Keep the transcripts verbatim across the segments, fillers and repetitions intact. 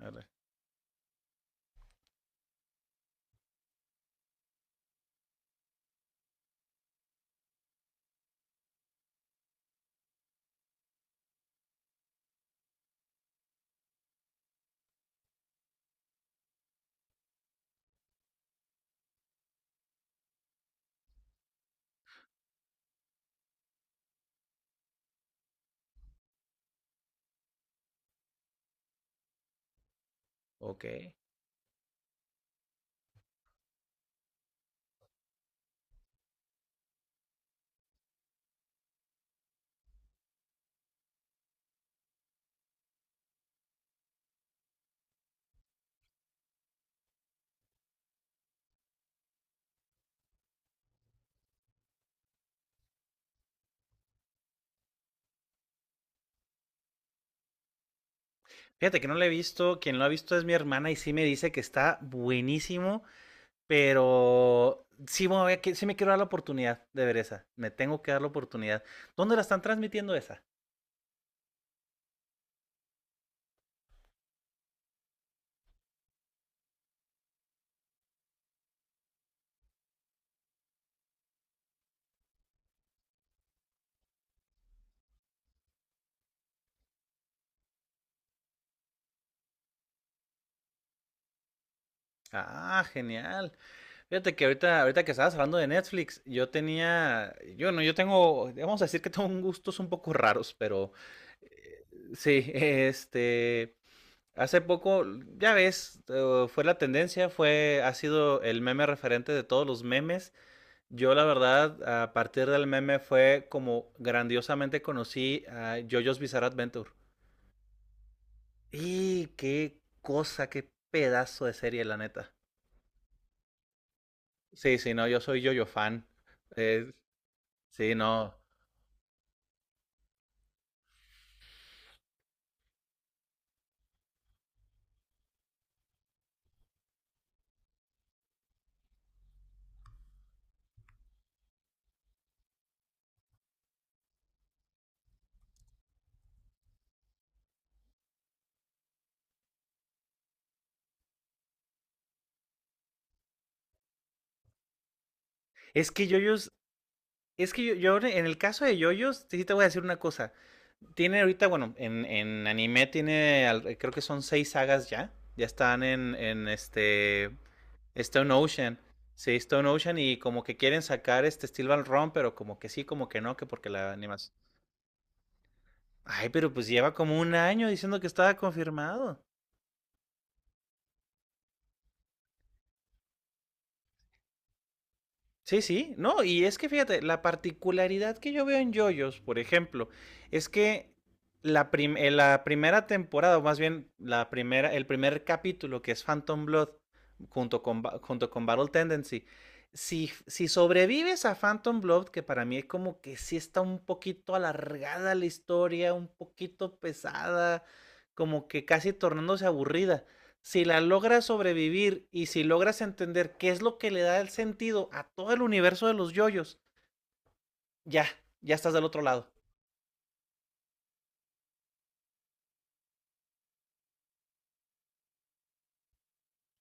Arre. Ok. Fíjate que no lo he visto. Quien lo ha visto es mi hermana y sí me dice que está buenísimo, pero sí, me voy a que- sí me quiero dar la oportunidad de ver esa. Me tengo que dar la oportunidad. ¿Dónde la están transmitiendo esa? Ah, genial. Fíjate que ahorita, ahorita que estabas hablando de Netflix, yo tenía, yo no, yo tengo, vamos a decir que tengo un gustos un poco raros, pero eh, sí, este, hace poco, ya ves, eh, fue la tendencia, fue, ha sido el meme referente de todos los memes. Yo, la verdad, a partir del meme fue como grandiosamente conocí a JoJo's Bizarre Adventure. Y qué cosa, qué pedazo de serie, la neta. Sí, sí, no, yo soy JoJo fan. Eh, sí, no. Es que JoJo's es que yo, yo en el caso de Yoyos, sí te voy a decir una cosa. Tiene ahorita, bueno, en, en anime tiene, al- eh, creo que son seis sagas ya. Ya están en, en este Stone Ocean. Sí, Stone Ocean y como que quieren sacar este Steel Ball Run, pero como que sí, como que no, que porque la animación. Ay, pero pues lleva como un año diciendo que estaba confirmado. Sí, sí, no, y es que fíjate, la particularidad que yo veo en JoJo's, por ejemplo, es que la, prim- eh, la primera temporada, o más bien la primera, el primer capítulo que es Phantom Blood, junto con, Ba- junto con Battle Tendency, si, si sobrevives a Phantom Blood, que para mí es como que sí está un poquito alargada la historia, un poquito pesada, como que casi tornándose aburrida. Si la logras sobrevivir y si logras entender qué es lo que le da el sentido a todo el universo de los yoyos, ya, ya estás del otro lado.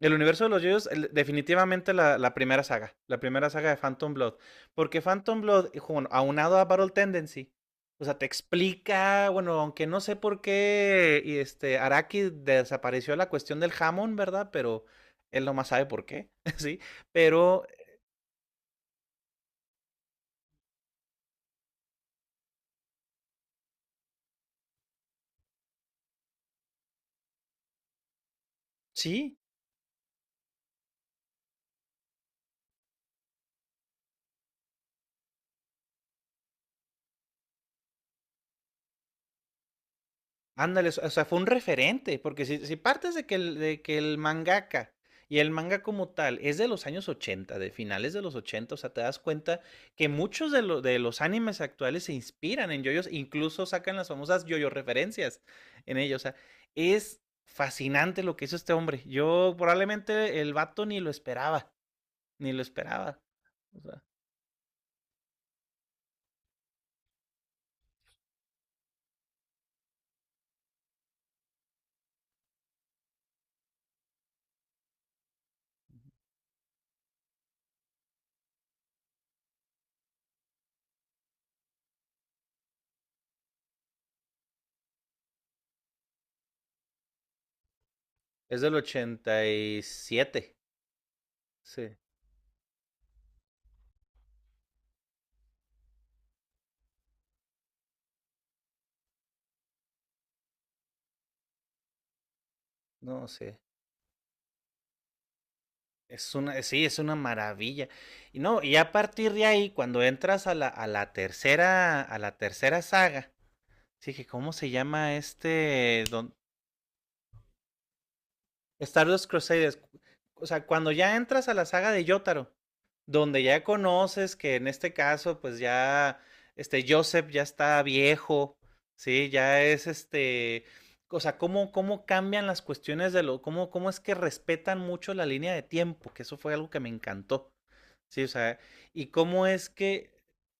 El universo de los yoyos, definitivamente la, la primera saga, la primera saga de Phantom Blood. Porque Phantom Blood, bueno, aunado a Battle Tendency, o sea, te explica, bueno, aunque no sé por qué y este, Araki desapareció la cuestión del jamón, ¿verdad? Pero él nomás sabe por qué, ¿sí? Pero sí, ándale, o sea, fue un referente, porque si, si partes de que el, de que el mangaka y el manga como tal es de los años ochenta, de finales de los ochenta, o sea, te das cuenta que muchos de, lo- de los animes actuales se inspiran en yoyos, incluso sacan las famosas yoyo referencias en ellos, o sea, es fascinante lo que hizo este hombre. Yo probablemente el vato ni lo esperaba, ni lo esperaba. O sea, es del ochenta y siete. Sí, no sé. Es una, sí, es una maravilla. Y no, y a partir de ahí, cuando entras a la, a la tercera, a la tercera saga, sí que ¿cómo se llama este? Don, ¿Stardust Crusaders? O sea, cuando ya entras a la saga de Yotaro, donde ya conoces que en este caso, pues ya, este, Joseph ya está viejo, ¿sí? Ya es este, o sea, cómo, cómo cambian las cuestiones de lo, cómo, cómo es que respetan mucho la línea de tiempo, que eso fue algo que me encantó, ¿sí? O sea, y cómo es que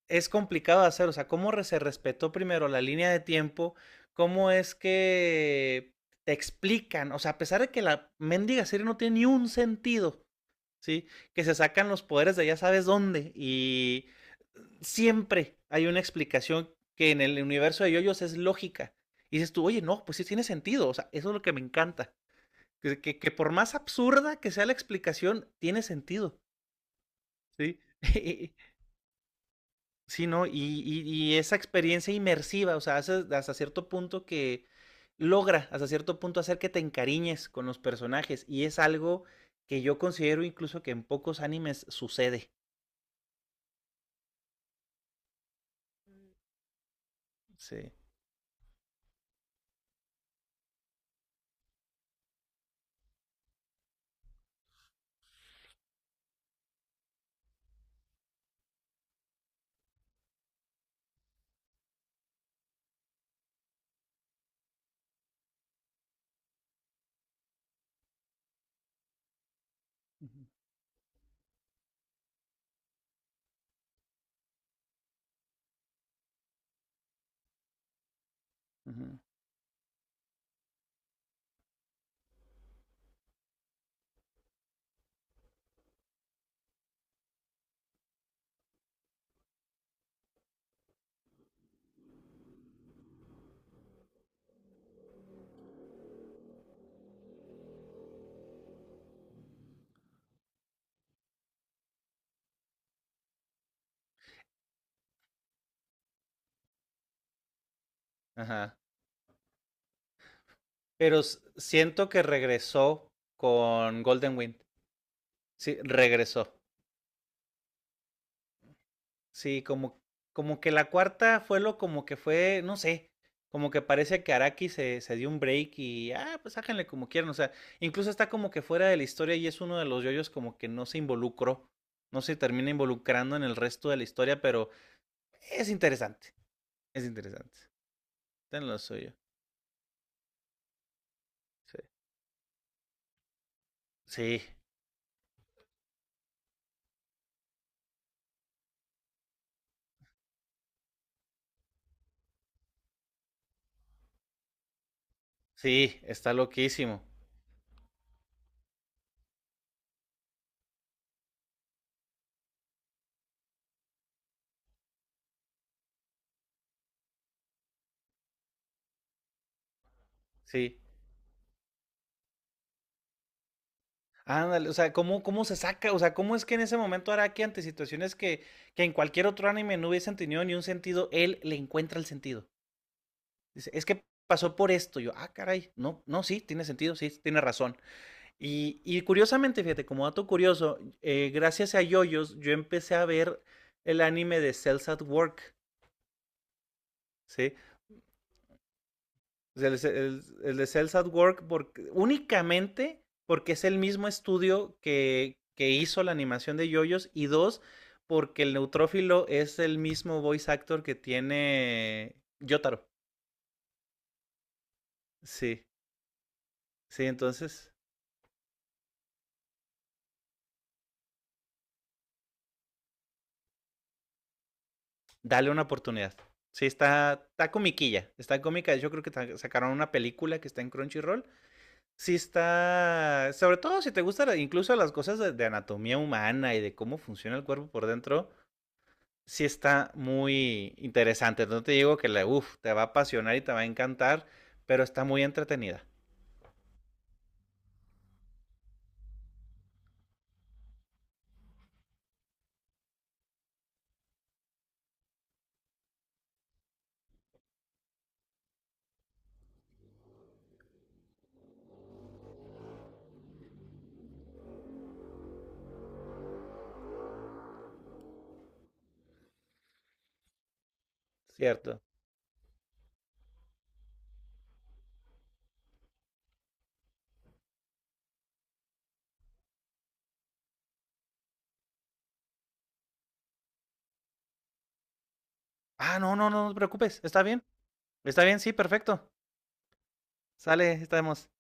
es complicado de hacer, o sea, cómo re- se respetó primero la línea de tiempo, cómo es que te explican, o sea, a pesar de que la mendiga serie no tiene ni un sentido, ¿sí? Que se sacan los poderes de ya sabes dónde. Y siempre hay una explicación que en el universo de yoyos es lógica. Y dices tú, oye, no, pues sí tiene sentido. O sea, eso es lo que me encanta. Que, que, que por más absurda que sea la explicación, tiene sentido, ¿sí? Sí, ¿no? Y, y, y, esa experiencia inmersiva, o sea, hace, hasta cierto punto que logra, hasta cierto punto, hacer que te encariñes con los personajes. Y es algo que yo considero incluso que en pocos animes sucede. Sí. Uh -huh. Ujú. Ajá. Pero s- siento que regresó con Golden Wind. Sí, regresó. Sí, como, como que la cuarta fue lo como que fue, no sé, como que parece que Araki se, se dio un break y, ah, pues háganle como quieran. O sea, incluso está como que fuera de la historia y es uno de los yoyos como que no se involucró, no se termina involucrando en el resto de la historia, pero es interesante, es interesante. Ten lo suyo. Sí, sí, sí, está loquísimo. Sí. Ándale, o sea, ¿cómo, cómo se saca? O sea, ¿cómo es que en ese momento Araki, ante situaciones que, que en cualquier otro anime no hubiesen tenido ni un sentido, él le encuentra el sentido? Dice, es que pasó por esto. Yo, ah, caray, no, no, sí, tiene sentido, sí, tiene razón. Y, y curiosamente, fíjate, como dato curioso, eh, gracias a Yoyos, yo empecé a ver el anime de Cells at Work, ¿sí? El, el, el de Cells at Work, porque, únicamente porque es el mismo estudio que, que hizo la animación de Yoyos, y dos, porque el neutrófilo es el mismo voice actor que tiene Yotaro. Sí, sí, entonces, dale una oportunidad. Sí, está, está comiquilla, está cómica. Yo creo que sacaron una película que está en Crunchyroll. Sí está, sobre todo si te gustan incluso las cosas de, de, anatomía humana y de cómo funciona el cuerpo por dentro, sí está muy interesante. No te digo que la, uff, te va a apasionar y te va a encantar, pero está muy entretenida, ¿cierto? Ah, no, no, no, no te preocupes, está bien, está bien, sí, perfecto. Sale, estamos.